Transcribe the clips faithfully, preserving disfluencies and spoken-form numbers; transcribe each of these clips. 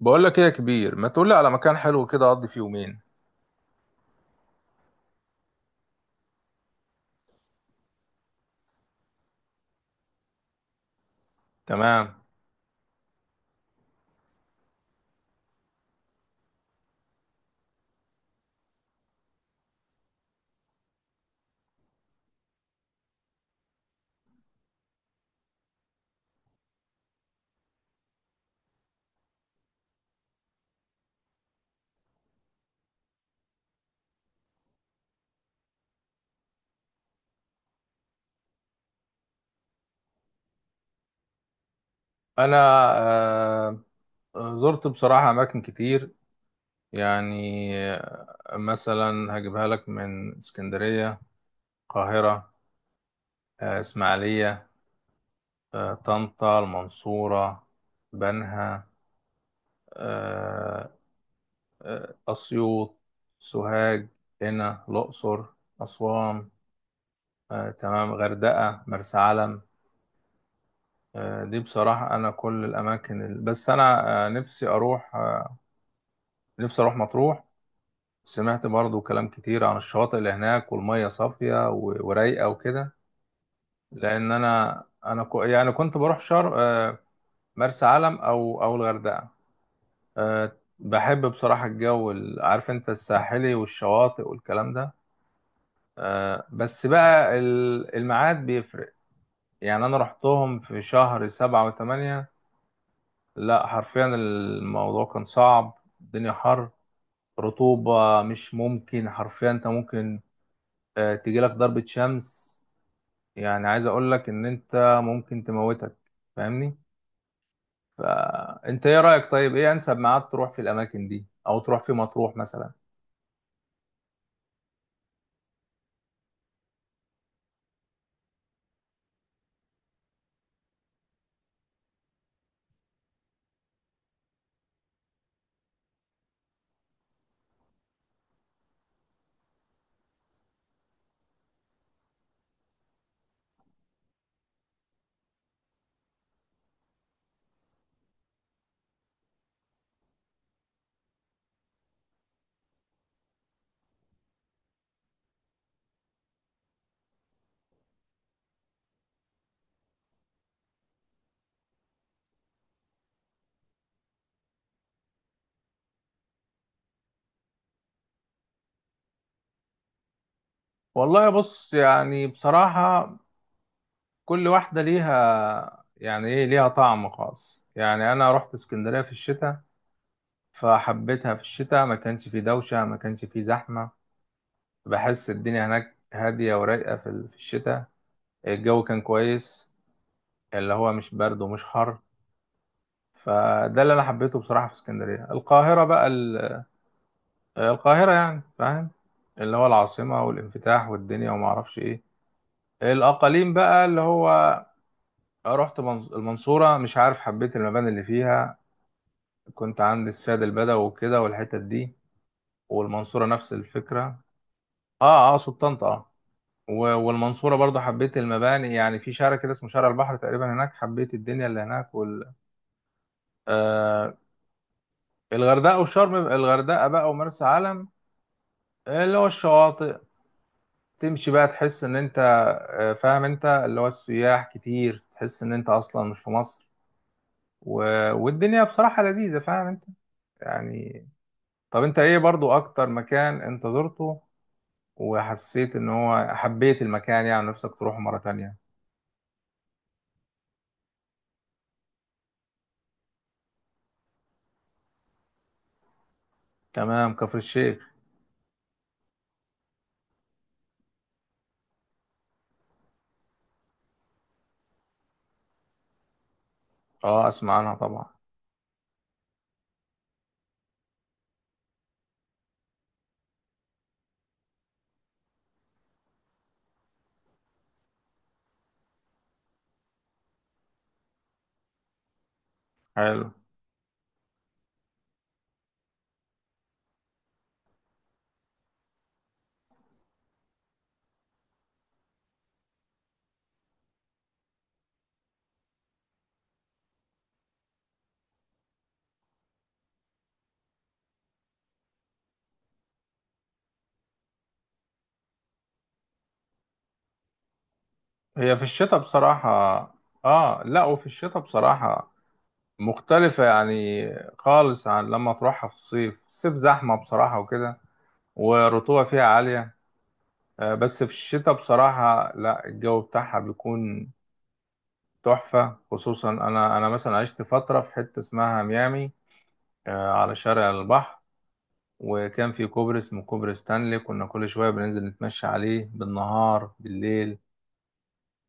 بقول لك ايه يا كبير، ما تقول لي على مكان حلو كده اقضي فيه يومين؟ تمام. انا آه زرت بصراحة اماكن كتير. يعني آه، مثلا هجيبها لك من اسكندرية، القاهرة، آه اسماعيلية، آه طنطا، المنصورة، بنها، آه آه، اسيوط، سوهاج، هنا الاقصر، اسوان، آه تمام، غردقة، مرسى علم. آه، دي بصراحة أنا كل الأماكن ال- بس أنا آه، نفسي أروح آه، نفسي اروح مطروح. سمعت برضو كلام كتير عن الشواطئ اللي هناك، والمية صافية و- ورايقة وكده. لان انا انا كو- يعني كنت بروح شر آه، مرسى علم او او الغردقة. آه، بحب بصراحة الجو ال- عارف انت الساحلي والشواطئ والكلام ده. آه، بس بقى ال- الميعاد بيفرق. يعني انا رحتهم في شهر سبعة وثمانية. لا، حرفيا الموضوع كان صعب. الدنيا حر، رطوبة مش ممكن، حرفيا انت ممكن آه، تجيلك ضربة شمس. يعني عايز اقول لك ان انت ممكن تموتك، فاهمني. فانت ايه رأيك؟ طيب ايه انسب ميعاد تروح في الاماكن دي، او تروح في مطروح مثلا؟ والله بص، يعني بصراحة كل واحدة ليها، يعني ايه، ليها طعم خاص. يعني انا رحت اسكندرية في الشتاء، فحبيتها في الشتاء، ما كانش في دوشة، ما كانش في زحمة. بحس الدنيا هناك هادية ورايقة في في الشتاء. الجو كان كويس، اللي هو مش برد ومش حر. فده اللي انا حبيته بصراحه في اسكندريه. القاهره بقى ال- القاهره يعني، فاهم، اللي هو العاصمه والانفتاح والدنيا وما اعرفش ايه. الاقاليم بقى، اللي هو رحت منص- المنصوره، مش عارف، حبيت المباني اللي فيها. كنت عند السيد البدوي وكده والحتت دي، والمنصوره نفس الفكره. اه اه، سلطنت، اه. و- والمنصوره برضو حبيت المباني، يعني في شارع كده اسمه شارع البحر تقريبا، هناك حبيت الدنيا اللي هناك وال آه الغردقه والشرم، الغردقه بقى ومرسى علم، اللي هو الشواطئ. تمشي بقى تحس ان انت، آه، فاهم انت، اللي هو السياح كتير، تحس ان انت اصلا مش في مصر. و... والدنيا بصراحة لذيذة، فاهم انت، يعني. طب انت ايه برضو اكتر مكان انت زرته وحسيت ان هو حبيت المكان، يعني نفسك تروحه مرة تانية؟ تمام، كفر الشيخ. اه، اسمع عنها طبعا. حلو. هي في الشتاء بصراحة، اه لا، وفي الشتاء بصراحة مختلفة يعني خالص، عن لما تروحها في الصيف. الصيف زحمة بصراحة وكده، والرطوبة فيها عالية. آه، بس في الشتاء بصراحة لا، الجو بتاعها بيكون تحفة. خصوصا أنا أنا مثلا عشت فترة في حتة اسمها ميامي، آه، على شارع البحر. وكان في كوبري اسمه كوبري ستانلي، كنا كل شوية بننزل نتمشى عليه بالنهار بالليل.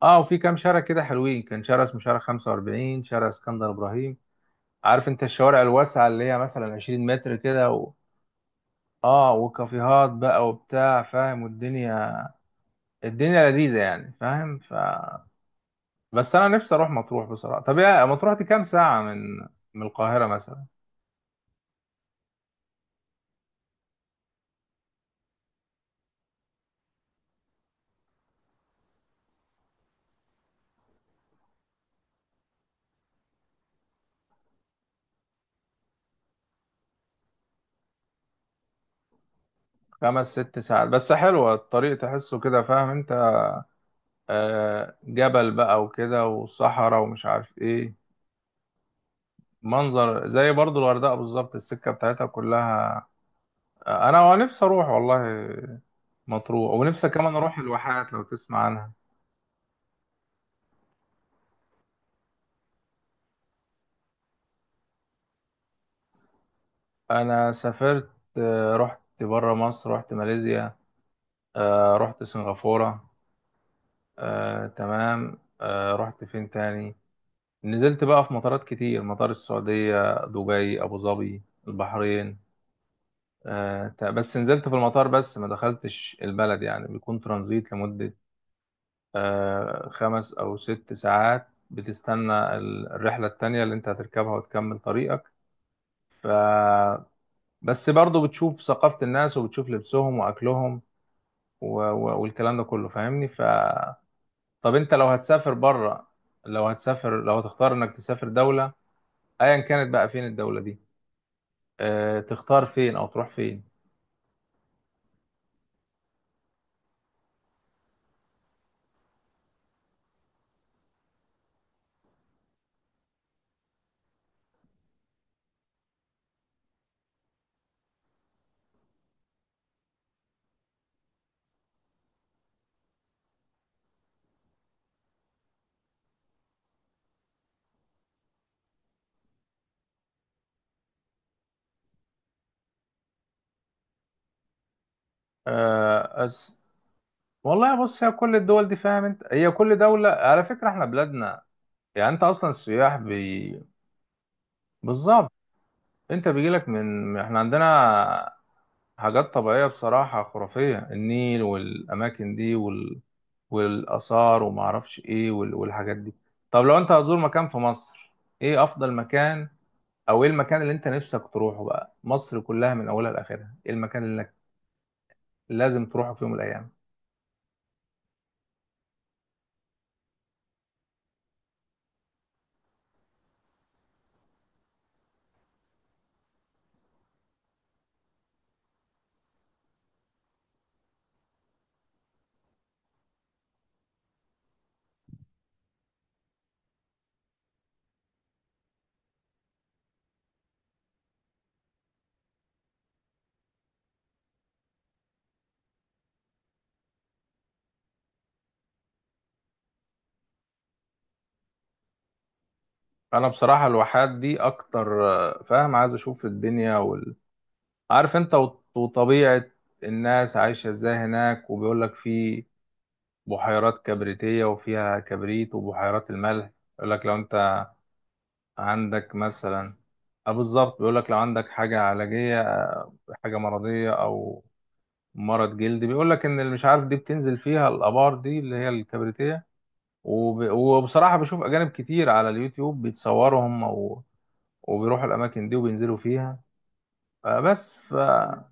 اه، وفي كام شارع كده حلوين، كان شارع اسمه شارع خمسة وأربعين، شارع اسكندر إبراهيم. عارف انت الشوارع الواسعة اللي هي مثلا 20 متر كده و... اه، وكافيهات بقى وبتاع، فاهم، والدنيا الدنيا لذيذة يعني، فاهم. ف بس انا نفسي اروح مطروح بصراحه. طب يا مطروح دي كام ساعه من من القاهره مثلا؟ خمس ست ساعات، بس حلوه الطريق، تحسه كده، فاهم انت. آه، جبل بقى وكده وصحراء ومش عارف ايه، منظر زي برضو الغردقه بالظبط، السكه بتاعتها كلها. آه، انا نفسي اروح والله مطروح، ونفسي كمان اروح الواحات لو تسمع عنها. انا سافرت، آه، رحت بره مصر، رحت ماليزيا، آه، رحت سنغافوره، آه، تمام، آه، رحت فين تاني؟ نزلت بقى في مطارات كتير، مطار السعودية، دبي، أبو ظبي، البحرين. آه ت- بس نزلت في المطار بس، ما دخلتش البلد، يعني بيكون ترانزيت لمدة آه خمس أو ست ساعات، بتستنى ال- الرحلة التانية اللي أنت هتركبها وتكمل طريقك. ف بس برضه بتشوف ثقافة الناس وبتشوف لبسهم وأكلهم و... و... والكلام ده كله، فاهمني. ف طب أنت لو هتسافر بره لو هتسافر لو هتختار إنك تسافر دولة أيا كانت، بقى فين الدولة دي؟ آه، تختار فين، او تروح فين؟ آه، أس... والله بص، هي كل الدول دي فاهم انت، هي كل دولة على فكرة، احنا بلادنا يعني، انت اصلا السياح بي... بالظبط، انت بيجيلك من احنا عندنا حاجات طبيعية بصراحة خرافية، النيل والاماكن دي وال... والاثار وما اعرفش ايه وال... والحاجات دي. طب لو انت هتزور مكان في مصر، ايه افضل مكان، او ايه المكان اللي انت نفسك تروحه؟ بقى مصر كلها من اولها لاخرها، ايه المكان اللي لازم تروحه في يوم من الايام؟ انا بصراحه الواحات دي اكتر، آه، فاهم، عايز اشوف الدنيا وال... عارف انت، وط- وطبيعه الناس عايشه ازاي هناك، وبيقول لك في بحيرات كبريتيه وفيها كبريت، وبحيرات الملح. يقول لك لو انت عندك مثلا، اه بالظبط، بيقول لك لو عندك حاجه علاجيه، آه، حاجه مرضيه او مرض جلدي، بيقول لك ان اللي مش عارف دي بتنزل فيها الابار دي، اللي هي الكبريتيه. وب... وبصراحة بشوف أجانب كتير على اليوتيوب بيتصوروا هم و... وبيروحوا الأماكن دي وبينزلوا فيها، آه، بس فطبعا.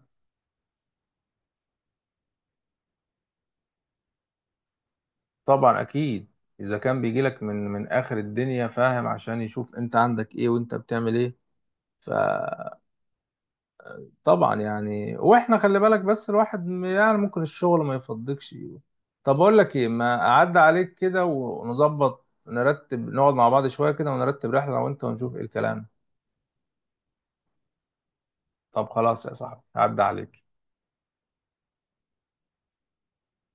أكيد، إذا كان بيجيلك من من آخر الدنيا، فاهم، عشان يشوف أنت عندك إيه وأنت بتعمل إيه. فطبعا، يعني وإحنا خلي بالك، بس الواحد م- يعني ممكن الشغل ما يفضكش. طب أقول لك إيه، ما أعدي عليك كده ونظبط، نرتب نقعد مع بعض شوية كده، ونرتب رحلة أنا وأنت، ونشوف إيه الكلام. طب خلاص يا صاحبي، هعدي عليك.